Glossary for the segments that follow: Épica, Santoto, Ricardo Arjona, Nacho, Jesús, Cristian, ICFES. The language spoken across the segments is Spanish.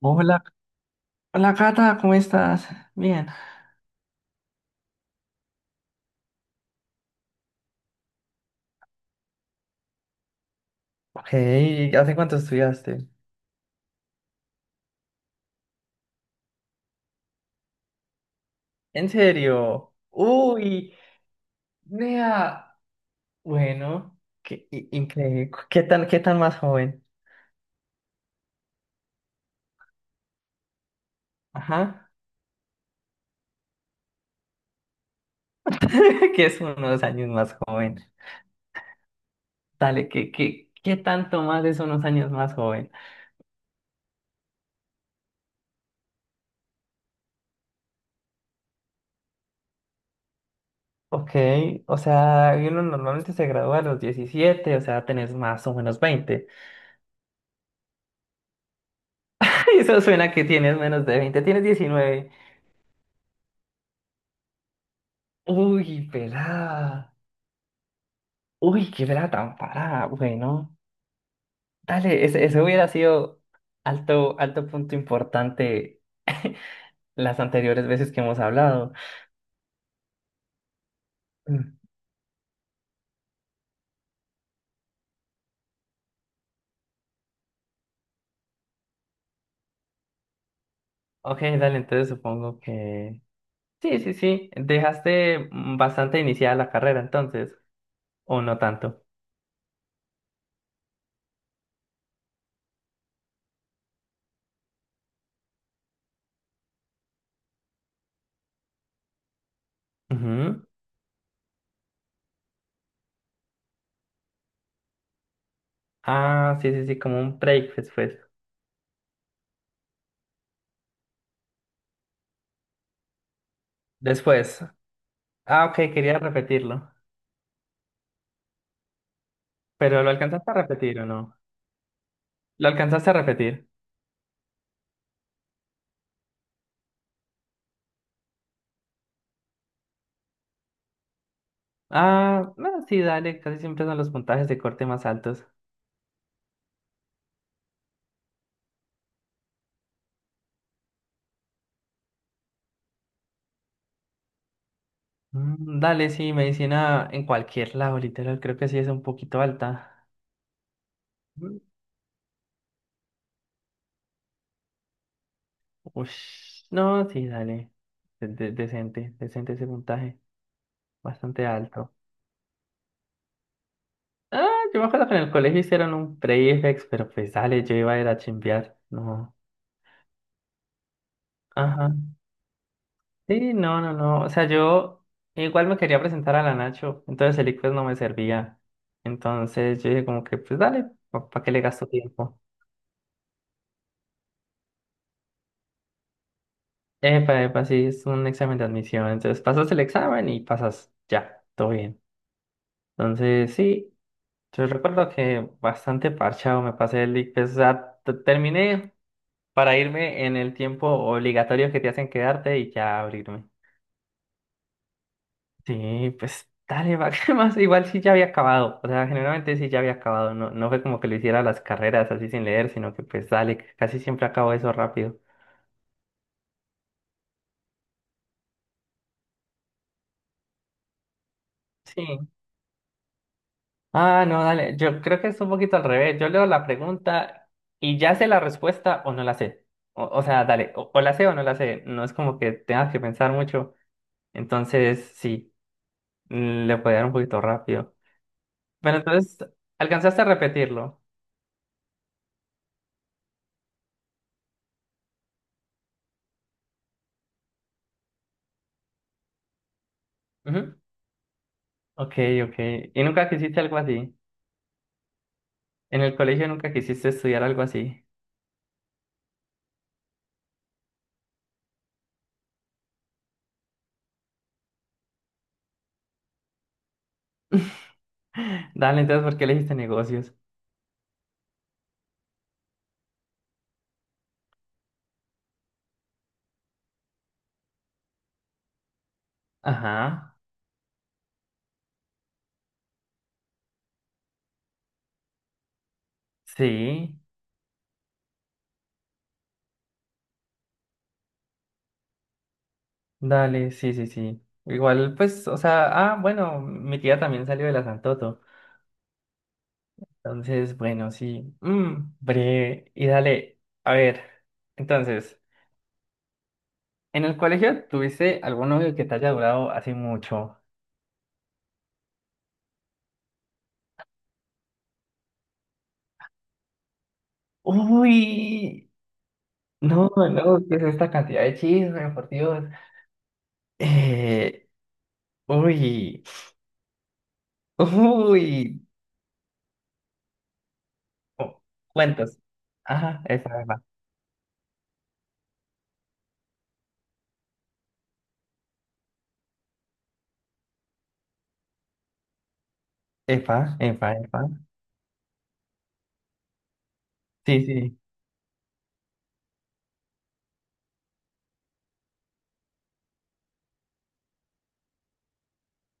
Hola, hola Cata, ¿cómo estás? Bien. Ok, ¿hace cuánto estudiaste? ¿En serio? Uy, Nea. Bueno, qué increíble. ¿Qué tan más joven? Ajá. Que es unos años más joven. Dale, ¿qué tanto más es unos años más joven? Ok, o sea, uno normalmente se gradúa a los 17, o sea, tenés más o menos 20. Eso suena que tienes menos de 20. Tienes 19. Uy, pelada. Uy, qué pelada tan parada, bueno. Dale, ese hubiera sido alto punto importante las anteriores veces que hemos hablado. Mm. Ok, dale, entonces supongo que... Sí, sí, sí. Dejaste bastante iniciada la carrera entonces, o no tanto. Ujú. Ah, sí, sí, sí, como un break después. Después. Ah, ok, quería repetirlo. Pero ¿lo alcanzaste a repetir o no? ¿Lo alcanzaste a repetir? Ah, bueno, sí, dale, casi siempre son los puntajes de corte más altos. Mm, dale, sí, medicina en cualquier lado, literal, creo que sí es un poquito alta. Mm, ush, no, sí, dale. Decente, decente ese puntaje, bastante alto. Ah, yo me acuerdo que en el colegio hicieron un prefix, pero pues dale, yo iba a ir a chimbear, no. Ajá. Sí, no, no, no. O sea, yo igual me quería presentar a la Nacho, entonces el ICFES no me servía. Entonces yo dije como que, pues dale, ¿para qué le gasto tiempo? Epa, epa, sí, es un examen de admisión. Entonces pasas el examen y pasas ya, todo bien. Entonces, sí, yo recuerdo que bastante parchado me pasé el ICFES. O sea, terminé para irme en el tiempo obligatorio que te hacen quedarte y ya abrirme. Sí, pues dale, va, ¿qué más? Igual sí ya había acabado. O sea, generalmente sí ya había acabado. No, no fue como que lo hiciera las carreras así sin leer, sino que pues dale, casi siempre acabo eso rápido. Sí. Ah, no, dale. Yo creo que es un poquito al revés. Yo leo la pregunta y ya sé la respuesta o no la sé. O sea, dale, o la sé o no la sé. No es como que tengas que pensar mucho. Entonces, sí, le puede dar un poquito rápido. Pero entonces, ¿alcanzaste a repetirlo? Ujú. Ok, ok. ¿Y nunca quisiste algo así? ¿En el colegio nunca quisiste estudiar algo así? Dale, entonces, ¿por qué elegiste negocios? Ajá, sí. Dale, sí, sí, sí. Igual, pues, o sea, ah, bueno, mi tía también salió de la Santoto. Entonces, bueno, sí. Mm, breve. Y dale, a ver. Entonces, ¿en el colegio tuviste algún novio que te haya durado así mucho? Uy, no, no, ¿qué es esta cantidad de chisme, por Dios? Eh, Uy, uy. cu- Cuentos. Ajá, epa, epa. Epa, epa, epa. Sí, sí.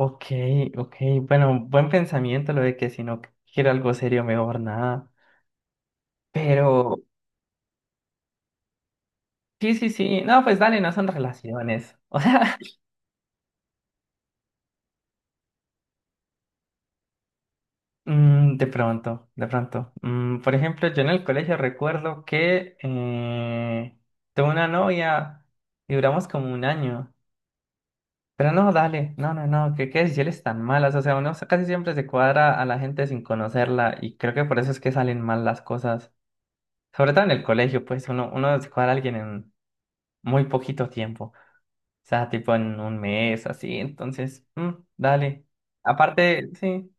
Ok, ok, bueno, buen pensamiento lo de que si no quiero algo serio, mejor nada. Pero sí, sí, sí, no, pues dale, no son relaciones. O sea, de pronto, de pronto. Por ejemplo, yo en el colegio recuerdo que tuve una novia y duramos como un año. Pero no, dale, no, no, no, qué decisiones tan malas. O sea, uno, casi siempre se cuadra a la gente sin conocerla y creo que por eso es que salen mal las cosas. Sobre todo en el colegio, pues uno se cuadra a alguien en muy poquito tiempo, o sea, tipo en un mes, así, entonces, dale. Aparte, sí,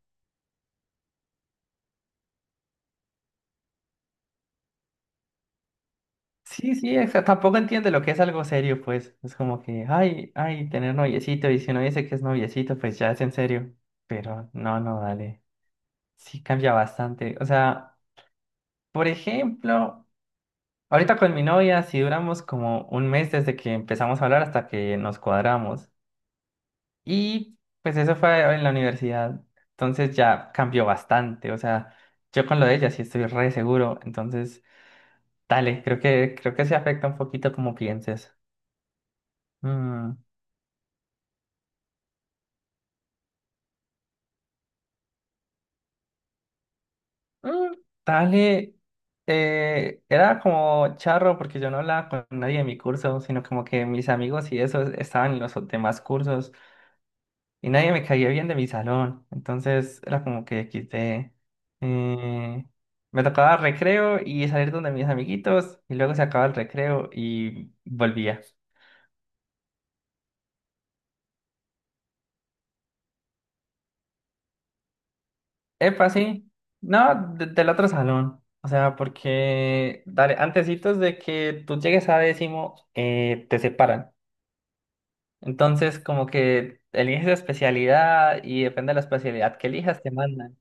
sí, sí, o tampoco entiende lo que es algo serio, pues, es como que, tener noviecito, y si uno dice que es noviecito, pues ya es en serio, pero no, no, dale, sí cambia bastante, o sea, por ejemplo, ahorita con mi novia, si duramos como un mes desde que empezamos a hablar hasta que nos cuadramos. Y pues eso fue en la universidad. Entonces ya cambió bastante. O sea, yo con lo de ella sí estoy re seguro. Entonces, dale, creo que se afecta un poquito como pienses. Mm, mm, dale. Era como charro porque yo no hablaba con nadie de mi curso, sino como que mis amigos y eso estaban en los demás cursos. Y nadie me caía bien de mi salón. Entonces era como que quité. eh, me tocaba recreo y salir donde mis amiguitos y luego se acaba el recreo y volvía. Epa, sí. No, del otro salón. O sea, porque dale, antecitos de que tú llegues a décimo, te separan. Entonces, como que eliges especialidad y depende de la especialidad que elijas, te mandan.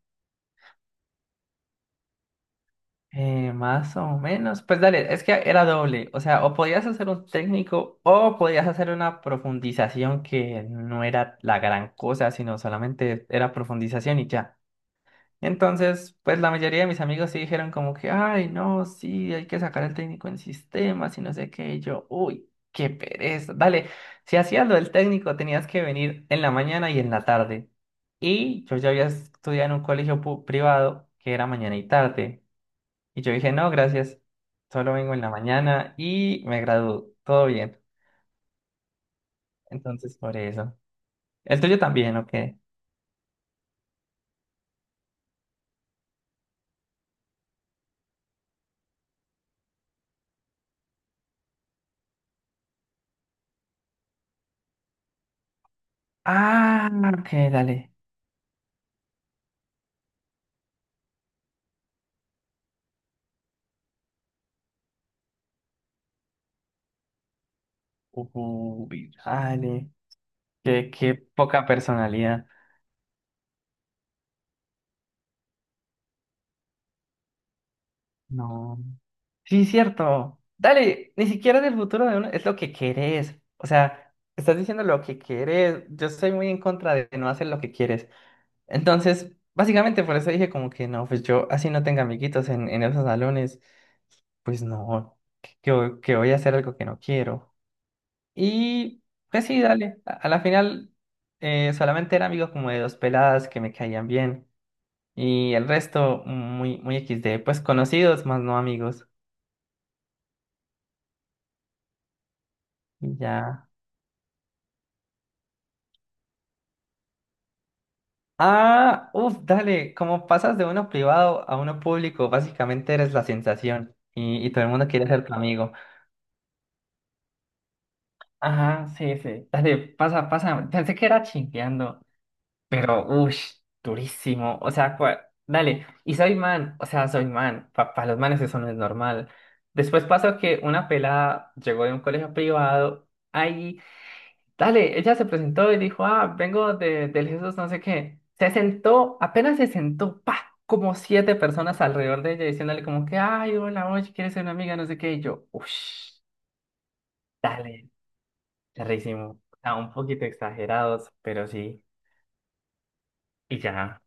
Más o menos. Pues dale, es que era doble. O sea, o podías hacer un técnico o podías hacer una profundización que no era la gran cosa, sino solamente era profundización y ya. Entonces, pues la mayoría de mis amigos sí dijeron como que, ay, no, sí, hay que sacar el técnico en sistemas y no sé qué. Y yo, uy, qué pereza. Dale, si hacías lo del técnico tenías que venir en la mañana y en la tarde. Y yo ya había estudiado en un colegio privado que era mañana y tarde. Y yo dije, no, gracias, solo vengo en la mañana y me gradúo, todo bien. Entonces, por eso. ¿El tuyo también, o qué? Ah, ok, dale, dale. Qué poca personalidad. No. Sí, cierto. Dale, ni siquiera del futuro de uno, es lo que querés. O sea, estás diciendo lo que querés. Yo estoy muy en contra de no hacer lo que quieres. Entonces, básicamente por eso dije como que no, pues yo así no tenga amiguitos en, esos salones. Pues no, que voy a hacer algo que no quiero. Y pues sí, dale, a la final solamente era amigo como de dos peladas que me caían bien y el resto muy, muy XD, pues conocidos más no amigos. Y ya. Ah, uff, dale, como pasas de uno privado a uno público, básicamente eres la sensación y todo el mundo quiere ser tu amigo. Ajá, sí, sí, dale, pasa, pasa, pensé que era chingueando. Pero, uff, durísimo. O sea, dale. Y soy man, o sea, soy man. Para los manes eso no es normal. Después pasó que una pelada llegó de un colegio privado. Ahí, dale, ella se presentó y dijo, ah, vengo del Jesús, no sé qué. Se sentó, apenas se sentó, pa, como siete personas alrededor de ella diciéndole como que, ay, hola, oye, ¿quieres ser una amiga? No sé qué. Y yo, uff, dale, rarísimo. O sea, un poquito exagerados, pero sí. Y ya.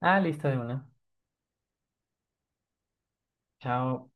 Ah, listo de una. Chao.